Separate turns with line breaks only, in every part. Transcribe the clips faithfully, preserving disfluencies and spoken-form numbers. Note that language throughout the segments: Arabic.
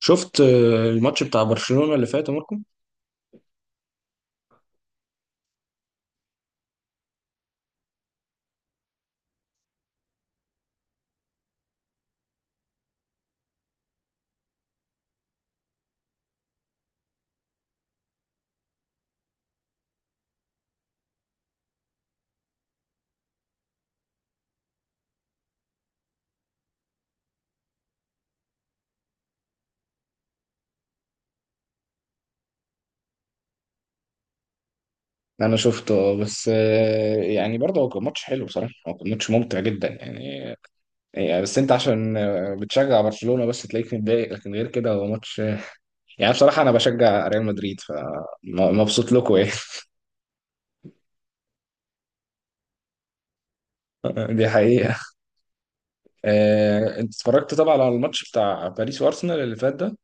شفت آه، الماتش بتاع برشلونة اللي فات يا ماركو. انا شفته، آه، بس آه، يعني برضه هو كان ماتش حلو بصراحة، هو كان ماتش ممتع جدا يعني. يعني بس انت عشان آه، بتشجع برشلونة بس تلاقيك متضايق، لكن غير كده هو ماتش، يعني بصراحة أنا بشجع ريال مدريد فمبسوط لكم إيه. دي حقيقة. آه، أنت اتفرجت طبعا على الماتش بتاع باريس وأرسنال اللي فات ده؟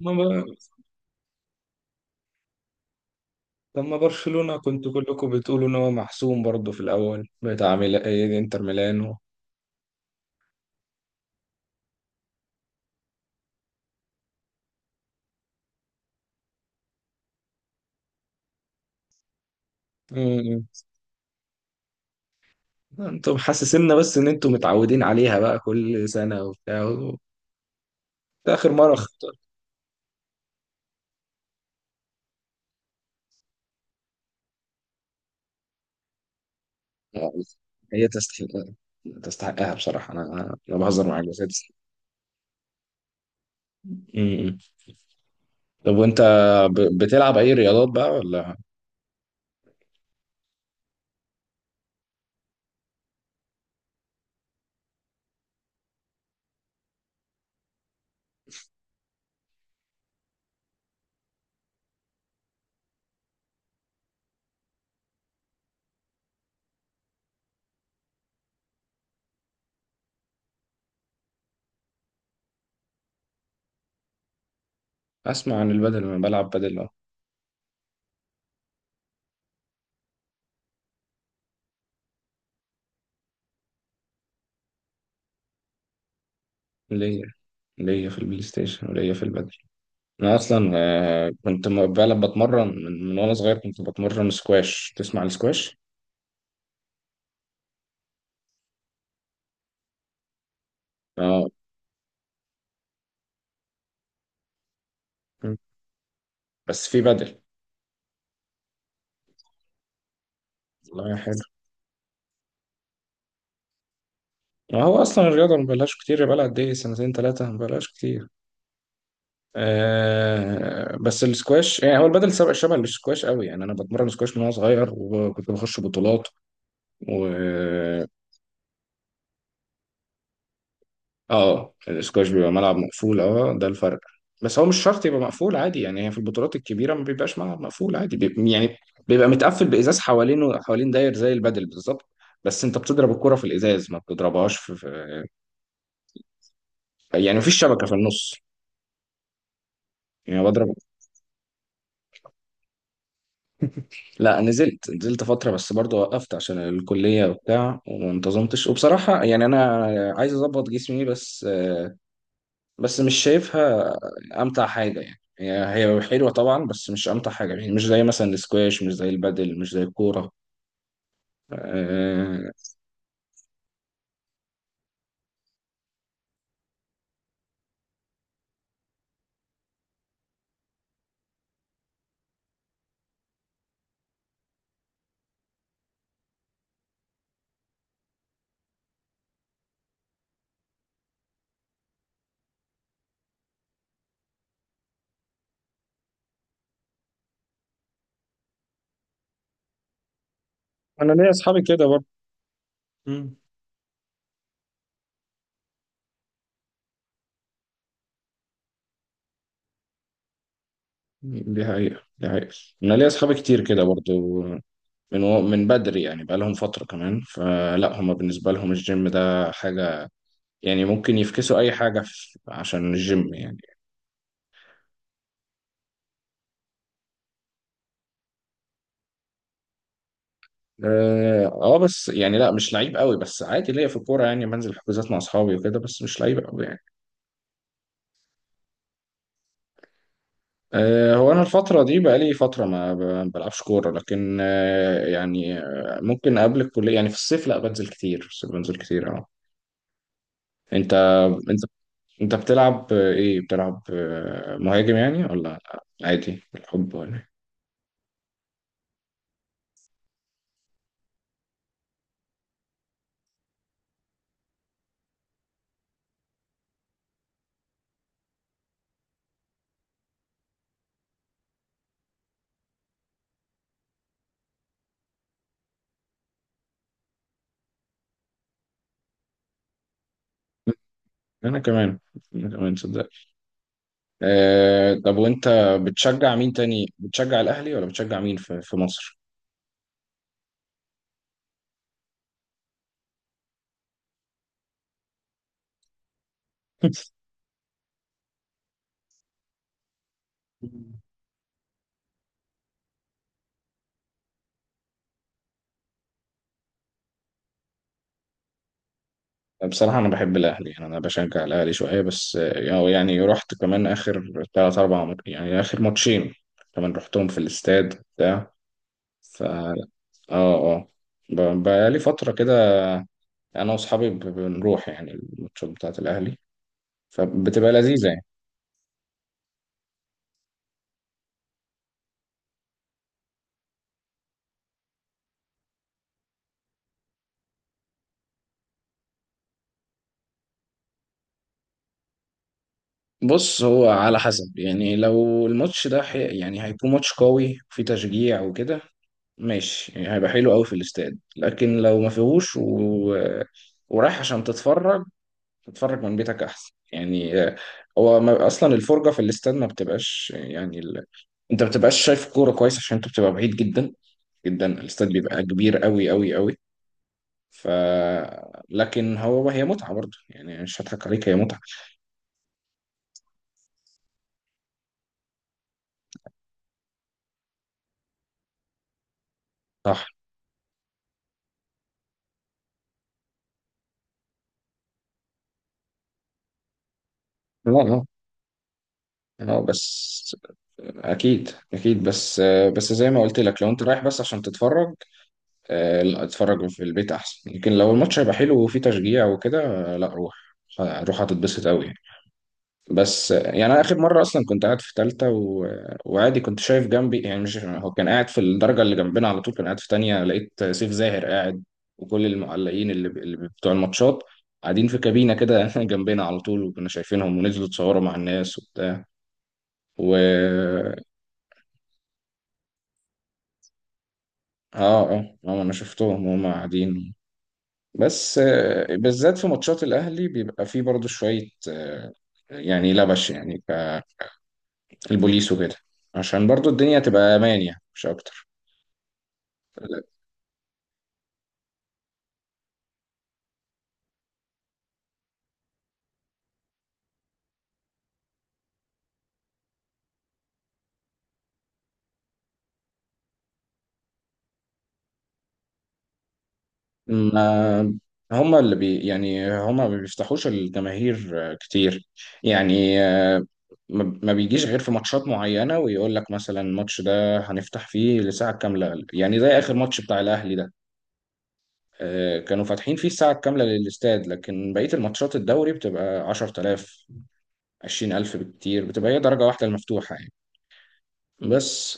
لما لما برشلونة كنتوا كلكم بتقولوا إن هو محسوم برضه في الأول بتاع ميلا... إيه، إنتر ميلانو. مم. أنتوا محسسينا بس إن أنتوا متعودين عليها بقى كل سنة وبتاع و- ده آخر مرة خط... هي تستحق، تستحقها بصراحة. أنا أنا أنا بهزر معاك بس هي تستحق. مم. طب وأنت ب- بتلعب أي رياضات بقى ولا؟ اسمع عن البدل، انا بلعب بدل اه. ليا ليا في البلاي ستيشن وليا في البدل. انا اصلا، آه، كنت م- بلعب، بتمرن من, من وانا صغير، كنت بتمرن سكواش، تسمع السكواش؟ اه. م. بس في بدل. والله حلو، ما هو اصلا الرياضه ما بلاش كتير، بقى لها قد ايه؟ سنتين ثلاثه ما بلاش كتير. آه بس السكواش يعني هو البدل سبق شبه السكواش قوي، يعني انا بتمرن سكواش من وانا صغير وكنت بخش بطولات و... اه الاسكواش بيبقى ملعب مقفول اه، ده الفرق. بس هو مش شرط يبقى مقفول عادي، يعني هي في البطولات الكبيره ما بيبقاش ملعب مقفول عادي، بيبقى يعني بيبقى متقفل بازاز حوالينه، حوالين داير زي البادل بالظبط. بس انت بتضرب الكره في الازاز، ما بتضربهاش في في- يعني مفيش شبكه في النص. يعني بضرب. لا نزلت، نزلت فتره بس برضه وقفت عشان الكليه وبتاع، وما انتظمتش. وبصراحه يعني انا عايز اظبط جسمي بس، بس مش شايفها امتع حاجه يعني. هي هي حلوه طبعا بس مش امتع حاجه، يعني مش زي مثلا السكواش، مش زي البادل، مش زي الكوره. آه، انا ليا اصحابي كده برضه. مم. دي حقيقه، دي حقيقه. انا ليا اصحابي كتير كده برضه من و- من بدري، يعني بقى لهم فتره كمان، فلا هم بالنسبه لهم الجيم ده حاجه، يعني ممكن يفكسوا اي حاجه في- عشان الجيم يعني. اه آه، بس يعني لا مش لعيب قوي، بس عادي ليا في الكوره، يعني بنزل حجوزات مع اصحابي وكده، بس مش لعيب قوي يعني. آه، هو أنا الفترة دي بقالي فترة ما ب- ما بلعبش كورة، لكن آه، يعني آه، ممكن قبل الكلية يعني في الصيف، لا بنزل كتير في الصيف، بنزل كتير اه. أنت، أنت، أنت بتلعب آه، إيه بتلعب، آه، مهاجم يعني ولا عادي بالحب ولا إيه؟ أنا كمان أنا كمان صدق. آه، طب وأنت بتشجع مين تاني؟ بتشجع الأهلي ولا بتشجع مين في في مصر؟ بصراحة أنا بحب الأهلي، يعني أنا بشجع الأهلي شوية بس، آه، يعني رحت كمان آخر تلات أربع مت- يعني آخر ماتشين كمان رحتهم في الاستاد بتاع. ف آه آه ب- بقالي فترة كده أنا وأصحابي ب- بنروح يعني الماتشات بتاعة الأهلي، فبتبقى لذيذة يعني. بص هو على حسب، يعني لو الماتش ده حي... يعني هيكون ماتش قوي وفيه تشجيع وكده، ماشي يعني هيبقى حلو قوي في الاستاد. لكن لو ما فيهوش و... ورايح عشان تتفرج، تتفرج من بيتك احسن يعني. آه، هو ما اصلا الفرجه في الاستاد ما بتبقاش يعني ال... انت ما بتبقاش شايف كوره كويس عشان انت بتبقى بعيد جدا جدا، الاستاد بيبقى كبير قوي قوي قوي. ف لكن هو هي متعه برضه يعني، مش هضحك عليك هي متعه. صح. لا لا لا بس اكيد اكيد، بس آه، بس زي ما قلت لك لو انت رايح بس عشان تتفرج، آه، لا اتفرج في البيت احسن. لكن لو الماتش هيبقى حلو وفيه تشجيع وكده، آه، لا روح، روح هتتبسط قوي. بس يعني انا اخر مره اصلا كنت قاعد في ثالثه و... وعادي كنت شايف جنبي يعني، مش هو كان قاعد في الدرجه اللي جنبنا، على طول كان قاعد في ثانيه، لقيت سيف زاهر قاعد. وكل المعلقين اللي, ب... اللي بتوع الماتشات قاعدين في كابينه كده جنبنا على طول، وكنا شايفينهم ونزلوا اتصوروا مع الناس وبتاع. و اه اه آه، انا شفتهم وهم قاعدين. بس آه، بالذات في ماتشات الاهلي بيبقى فيه برضو شويه، آه، يعني لبش يعني ك- البوليس وكده عشان برضو الدنيا تبقى امان يعني مش اكتر. ما هما اللي بي يعني هما ما بيفتحوش الجماهير آه، كتير، يعني آه، ما ما بيجيش غير في ماتشات معينة، ويقول لك مثلا الماتش ده هنفتح فيه لساعة كاملة، يعني زي آخر ماتش بتاع الأهلي ده، آه، كانوا فاتحين فيه الساعة الكاملة للاستاد. لكن بقية الماتشات الدوري بتبقى عشرة آلاف، عشرين ألف بالكتير، بتبقى هي درجة واحدة المفتوحة يعني. بس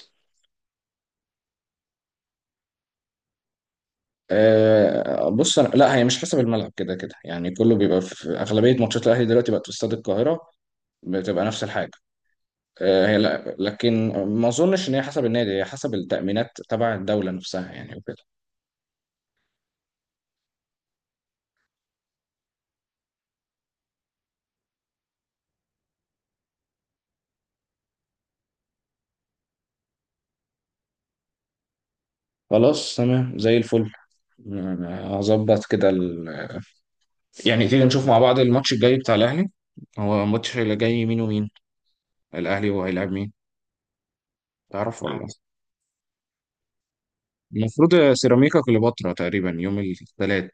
آه، بص أنا لا هي مش حسب الملعب، كده كده يعني كله بيبقى في في أغلبية ماتشات الأهلي دلوقتي بقت في استاد القاهرة، بتبقى نفس الحاجة. آه، هي لا، لكن ما أظنش إن هي حسب النادي، هي حسب التأمينات تبع الدولة نفسها يعني وكده. خلاص تمام زي الفل. آه، هظبط كده ال... يعني تيجي نشوف مع بعض الماتش الجاي بتاع الأهلي. هو الماتش اللي جاي مين ومين؟ الأهلي وهيلعب مين؟ تعرف ولا لأ؟ آه. المفروض سيراميكا كليوباترا تقريبا يوم الثلاث.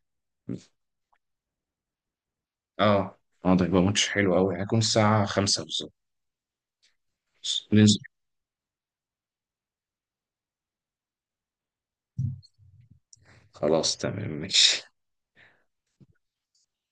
اه اه ده يبقى ماتش حلو قوي، هيكون الساعة خمسة بالظبط. ننزل خلاص تمام ماشي.